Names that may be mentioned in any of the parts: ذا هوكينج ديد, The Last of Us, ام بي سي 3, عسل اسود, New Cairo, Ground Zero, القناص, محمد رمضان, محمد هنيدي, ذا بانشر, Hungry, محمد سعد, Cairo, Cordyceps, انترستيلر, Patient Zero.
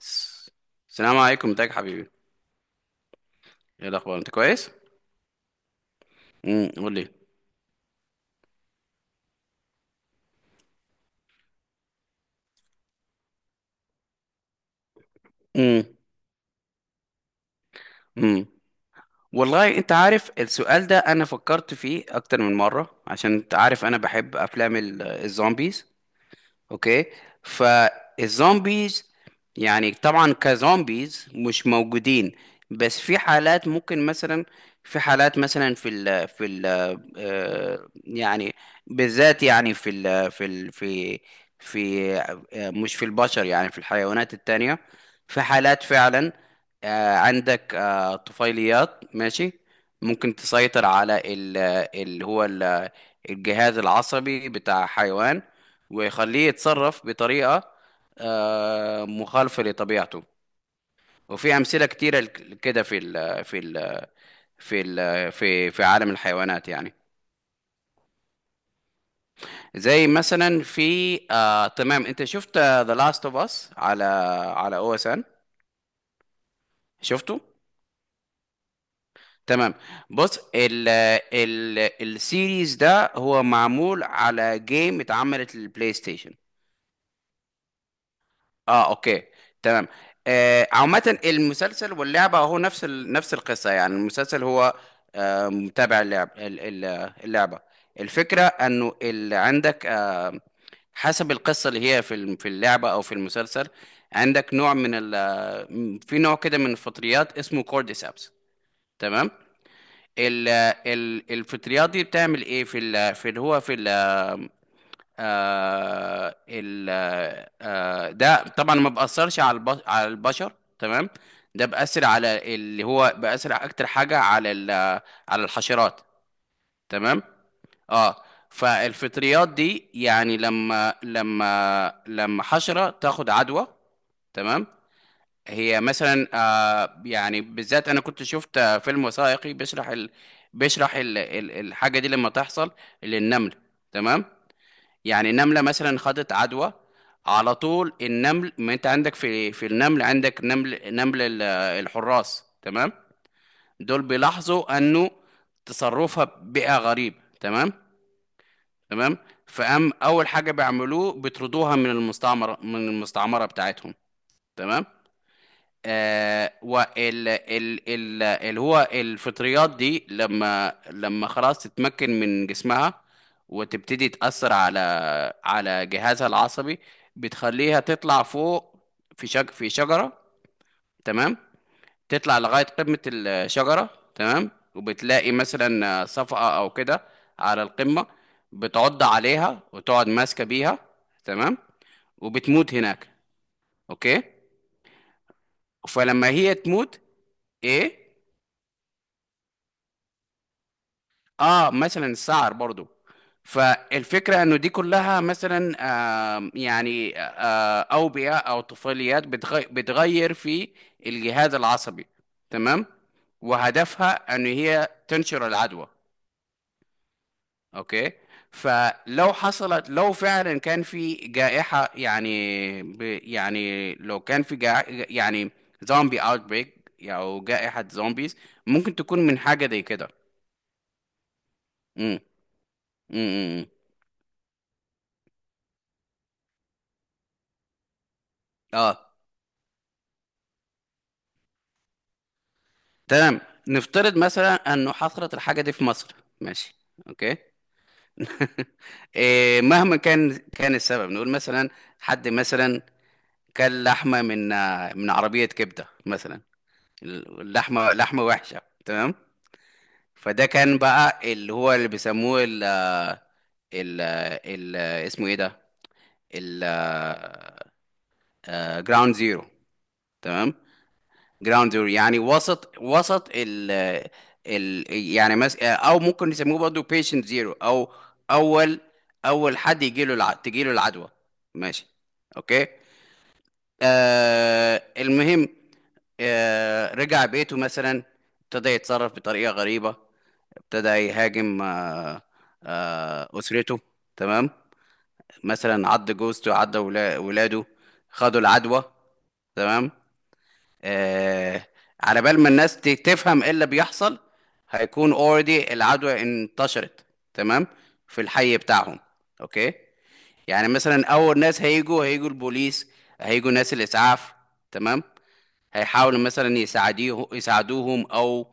الس- السلام عليكم، ازيك يا حبيبي. ايه الاخبار؟ انت كويس؟ قول لي. امم امم والله انت عارف السؤال ده، انا فكرت فيه اكتر من مره، عشان انت عارف انا بحب افلام الزومبيز. اوكي. فالزومبيز يعني طبعا كزومبيز مش موجودين، بس في حالات ممكن مثلا. في حالات مثلا في ال في ال آه، يعني بالذات يعني في ال في ال في في آه، مش في البشر، يعني في الحيوانات التانية. في حالات فعلا عندك طفيليات، ماشي، ممكن تسيطر اللي هو الجهاز العصبي بتاع حيوان، ويخليه يتصرف بطريقة مخالفة لطبيعته. وفي أمثلة كتيرة كده في ال في ال في ال في في عالم الحيوانات يعني. زي مثلا في آه تمام، انت شفت ذا لاست اوف اس على او اس ان؟ شفته؟ تمام. بص، ال ال السيريز ده هو معمول على جيم اتعملت للبلاي ستيشن. اه، اوكي، تمام. عامة المسلسل واللعبة هو نفس القصة يعني. المسلسل هو متابع اللعبة. الفكرة انه اللي عندك حسب القصة اللي هي في اللعبة او في المسلسل، عندك نوع من ال... آه، في نوع كده من الفطريات اسمه كورديسابس. تمام. ال... الفطريات دي بتعمل ايه في اللي هو في ال... آه ال آه ده طبعا ما بأثرش على البشر. تمام. ده بأثر على اللي هو، بأثر أكتر حاجة على الحشرات. تمام. اه، فالفطريات دي يعني لما حشرة تاخد عدوى. تمام. هي مثلا، يعني بالذات انا كنت شفت فيلم وثائقي بيشرح الحاجه دي لما تحصل للنمل. تمام. يعني نملة مثلا خدت عدوى. على طول النمل، ما انت عندك في النمل عندك نمل، الحراس. تمام. دول بيلاحظوا انه تصرفها بقى غريب. تمام، تمام. اول حاجة بيعملوه بيطردوها من المستعمرة بتاعتهم. تمام. آه وال ال ال اللي هو الفطريات دي لما خلاص تتمكن من جسمها، وتبتدي تأثر على جهازها العصبي، بتخليها تطلع فوق في شجرة. تمام. تطلع لغاية قمة الشجرة. تمام. وبتلاقي مثلا صفقة أو كده على القمة، بتعض عليها وتقعد ماسكة بيها. تمام. وبتموت هناك. أوكي. فلما هي تموت. إيه؟ اه، مثلا السعر برضو. فالفكرة انه دي كلها مثلا، يعني اوبئة او طفيليات بتغير في الجهاز العصبي. تمام. وهدفها ان هي تنشر العدوى. اوكي. فلو حصلت لو فعلا كان في جائحة، يعني ب يعني لو كان في جا يعني زومبي اوتبريك او جائحة زومبيز، ممكن تكون من حاجة زي كده. امم امم اه، تمام. نفترض مثلا انه حصلت الحاجه دي في مصر. ماشي، اوكي. إيه، مهما كان السبب، نقول مثلا حد مثلا كان لحمه من عربيه كبده مثلا. اللحمه لحمه وحشه. تمام. فده كان بقى اللي هو اللي بيسموه ال ال ال اسمه ايه ده، ال جراوند زيرو. تمام. جراوندر يعني وسط ال ال يعني مس او ممكن نسميه برضه بيشنت زيرو، او اول اول حد تجي له العدوى. ماشي، اوكي. المهم، رجع بيته مثلا، ابتدى يتصرف بطريقة غريبة، ابتدى يهاجم أسرته. تمام. مثلا عض جوزته، عض ولاده، خدوا العدوى. تمام. آه على بال ما الناس تفهم ايه اللي بيحصل، هيكون اوريدي العدوى انتشرت. تمام. في الحي بتاعهم. اوكي. يعني مثلا اول ناس هيجوا، هيجوا البوليس، هيجوا ناس الاسعاف. تمام. هيحاولوا مثلا يساعديه، يساعدوهم، او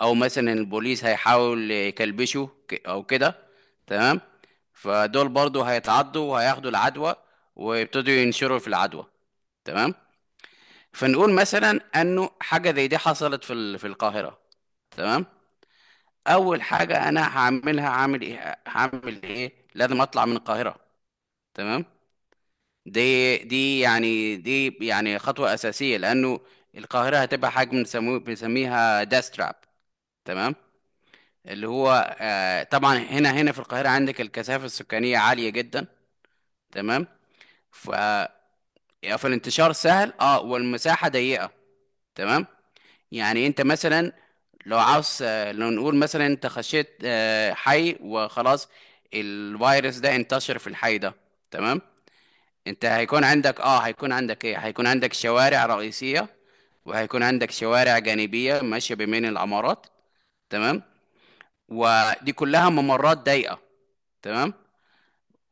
او مثلا البوليس هيحاول يكلبشوا او كده. تمام. فدول برضو هيتعضوا وهياخدوا العدوى، ويبتدوا ينشروا في العدوى. تمام. فنقول مثلا انه حاجه زي دي حصلت في القاهره. تمام. اول حاجه انا هعملها، هعمل ايه؟ لازم اطلع من القاهره. تمام. دي يعني خطوه اساسيه، لانه القاهره هتبقى حاجه بنسميها داستراب. تمام. اللي هو طبعا هنا في القاهره عندك الكثافه السكانيه عاليه جدا. تمام. ف فالانتشار سهل، اه، والمساحه ضيقه. تمام. يعني انت مثلا لو عاوز آه، لو نقول مثلا انت خشيت حي وخلاص، الفيروس ده انتشر في الحي ده. تمام. انت هيكون عندك اه، هيكون عندك شوارع رئيسية، وهيكون عندك شوارع جانبية ماشية بين العمارات. تمام. ودي كلها ممرات ضيقة. تمام.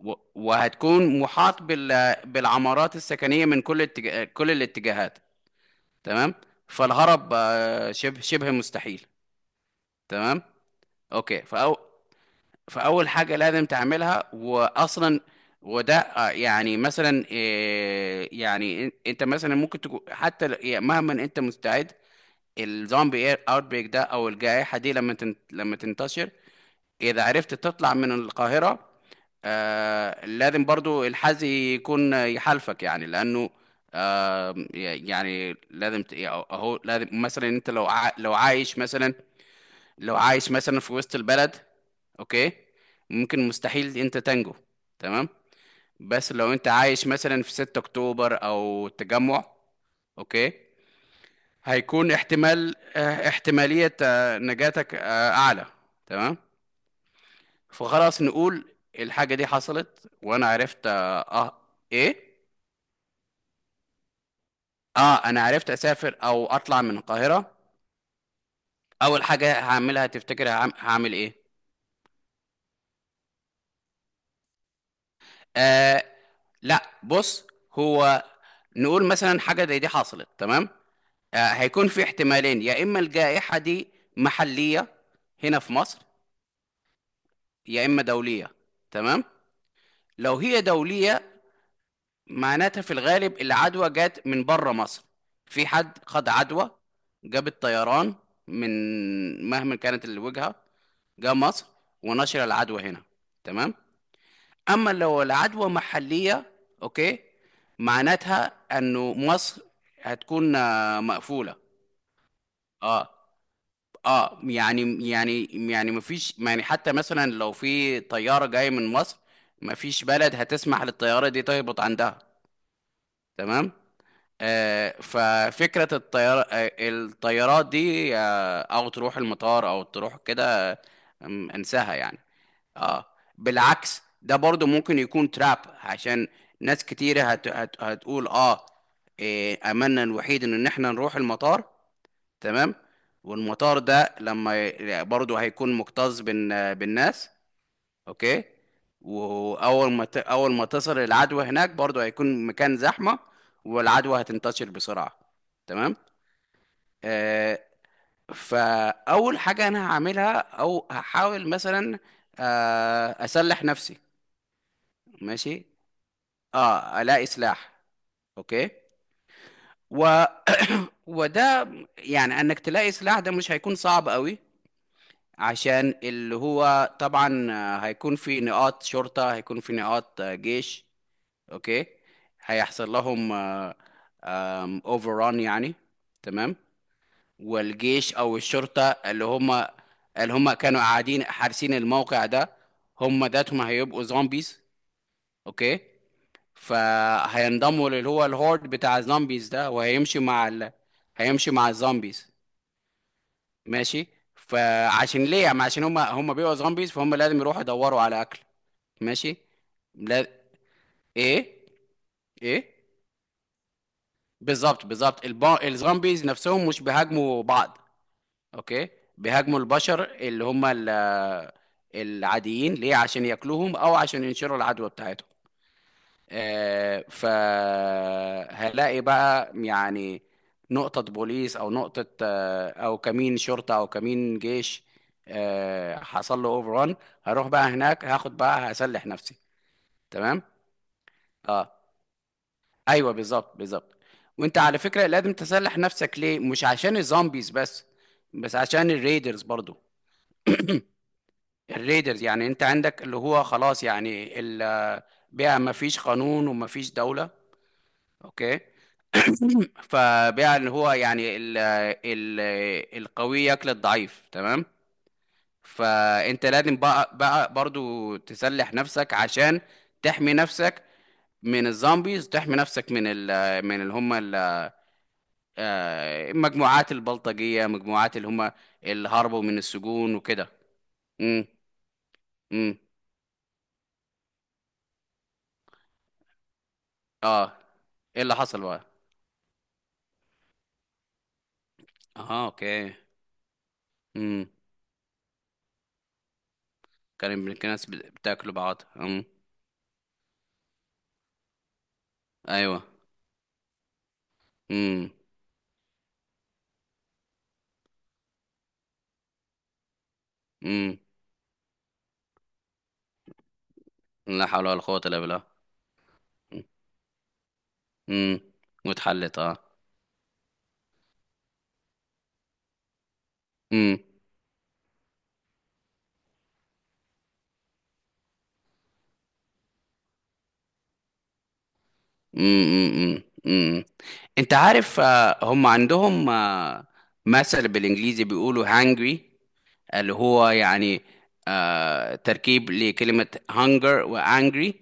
وهتكون محاط بالعمارات السكنية من كل الاتجاهات. تمام. فالهرب شبه شبه مستحيل. تمام. اوكي. فاول حاجه لازم تعملها، واصلا وده يعني مثلا يعني انت مثلا ممكن تكون حتى يعني مهما انت مستعد، الزومبي اوت بريك ده او الجائحه دي لما تنتشر، اذا عرفت تطلع من القاهره، لازم برضو الحظ يكون يحالفك، يعني لانه يعني يعني اهو لازم مثلا انت لو عايش مثلا في وسط البلد. اوكي. ممكن مستحيل انت تنجو. تمام. بس لو انت عايش مثلا في 6 اكتوبر او التجمع، اوكي، هيكون احتمالية نجاتك اعلى. تمام. فخلاص، نقول الحاجة دي حصلت وانا عرفت ايه. اه انا عرفت اسافر او اطلع من القاهرة. اول حاجة هعملها، تفتكر هعمل ايه؟ آه لا، بص. هو نقول مثلا حاجة زي دي حصلت. تمام. هيكون في احتمالين، يا إما الجائحة دي محلية هنا في مصر، يا إما دولية. تمام. لو هي دولية، معناتها في الغالب العدوى جت من بره مصر. في حد خد عدوى، جاب الطيران من مهما كانت الوجهة، جه مصر ونشر العدوى هنا. تمام. اما لو العدوى محلية، اوكي، معناتها انه مصر هتكون مقفولة. اه، اه يعني يعني يعني مفيش، يعني حتى مثلا لو في طيارة جاية من مصر، مفيش بلد هتسمح للطيارة دي تهبط عندها. تمام. ففكرة الطيارات دي، أو تروح المطار أو تروح كده، انساها يعني. اه، بالعكس، ده برضو ممكن يكون تراب، عشان ناس كتيرة هتقول اه، إيه أملنا الوحيد إن إحنا نروح المطار. تمام. والمطار ده برضو هيكون مكتظ بالناس. اوكي. واول ما ت... اول ما تصل العدوى هناك، برضو هيكون مكان زحمه، والعدوى هتنتشر بسرعه. تمام. آه فاول حاجه انا هعملها او هحاول مثلا، اسلح نفسي. ماشي. اه، الاقي سلاح. اوكي. و... وده يعني انك تلاقي سلاح ده مش هيكون صعب قوي، عشان اللي هو طبعا هيكون في نقاط شرطة، هيكون في نقاط جيش. اوكي. هيحصل لهم اوفران يعني. تمام. والجيش او الشرطه اللي هم كانوا قاعدين حارسين الموقع ده، هم ذاتهم هيبقوا زومبيز. اوكي. فهينضموا اللي هو الهورد بتاع الزومبيز ده، وهيمشي مع هيمشي مع الزومبيز. ماشي. فعشان ليه يعني؟ عشان هم بيبقوا زومبيز، فهم لازم يروحوا يدوروا على اكل. ماشي. لا. ايه، ايه. بالظبط، بالظبط. الزومبيز نفسهم مش بيهاجموا بعض. اوكي. بيهاجموا البشر اللي هم العاديين، ليه؟ عشان ياكلوهم او عشان ينشروا العدوى بتاعتهم. فهلاقي بقى يعني نقطة بوليس، او نقطة آه او كمين شرطة، او كمين جيش حصل له اوفر ران، هروح بقى هناك، هاخد بقى هسلح نفسي. تمام. اه، ايوه، بالظبط، بالظبط. وانت على فكره لازم تسلح نفسك، ليه؟ مش عشان الزومبيز بس، بس عشان الريدرز برضو. الريدرز يعني انت عندك اللي هو خلاص يعني، بقى ما فيش قانون وما فيش دوله. اوكي. فبقى اللي هو يعني ال ال القوي ياكل الضعيف. تمام. فانت لازم بقى برضو تسلح نفسك، عشان تحمي نفسك من الزومبيز، تحمي نفسك من اللي هم مجموعات البلطجية، مجموعات اللي هم اللي هربوا من السجون وكده. امم امم اه، ايه اللي حصل بقى؟ اه، اوكي. امم كان ابن الناس بتاكلوا بعض. ايوه. امم امم لا حول ولا قوة الا بالله. امم واتحلت اه. امم امم امم انت عارف، هم عندهم مثل بالانجليزي بيقولوا hungry، اللي هو يعني تركيب لكلمة hunger و angry.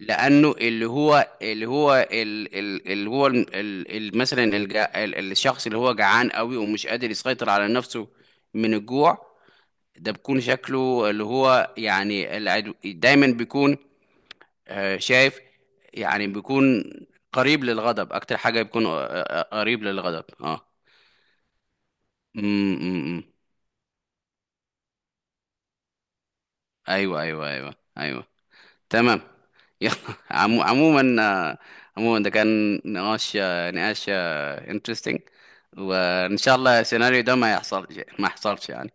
لأنه اللي هو ال- ال- ال- الشخص اللي هو جعان قوي ومش قادر يسيطر على نفسه من الجوع، ده بيكون شكله اللي هو يعني، العدو دايما بيكون شايف يعني، بيكون قريب للغضب. أكتر حاجة بيكون قريب للغضب. اه. أمم. ايوه، ايوه، ايوه، ايوه، تمام. يلا. عموما، ده كان نقاش، نقاش انترستنج. وان شاء الله السيناريو ده ما يحصل، ما يحصلش يعني.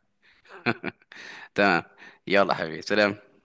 تمام. يلا حبيبي، سلام.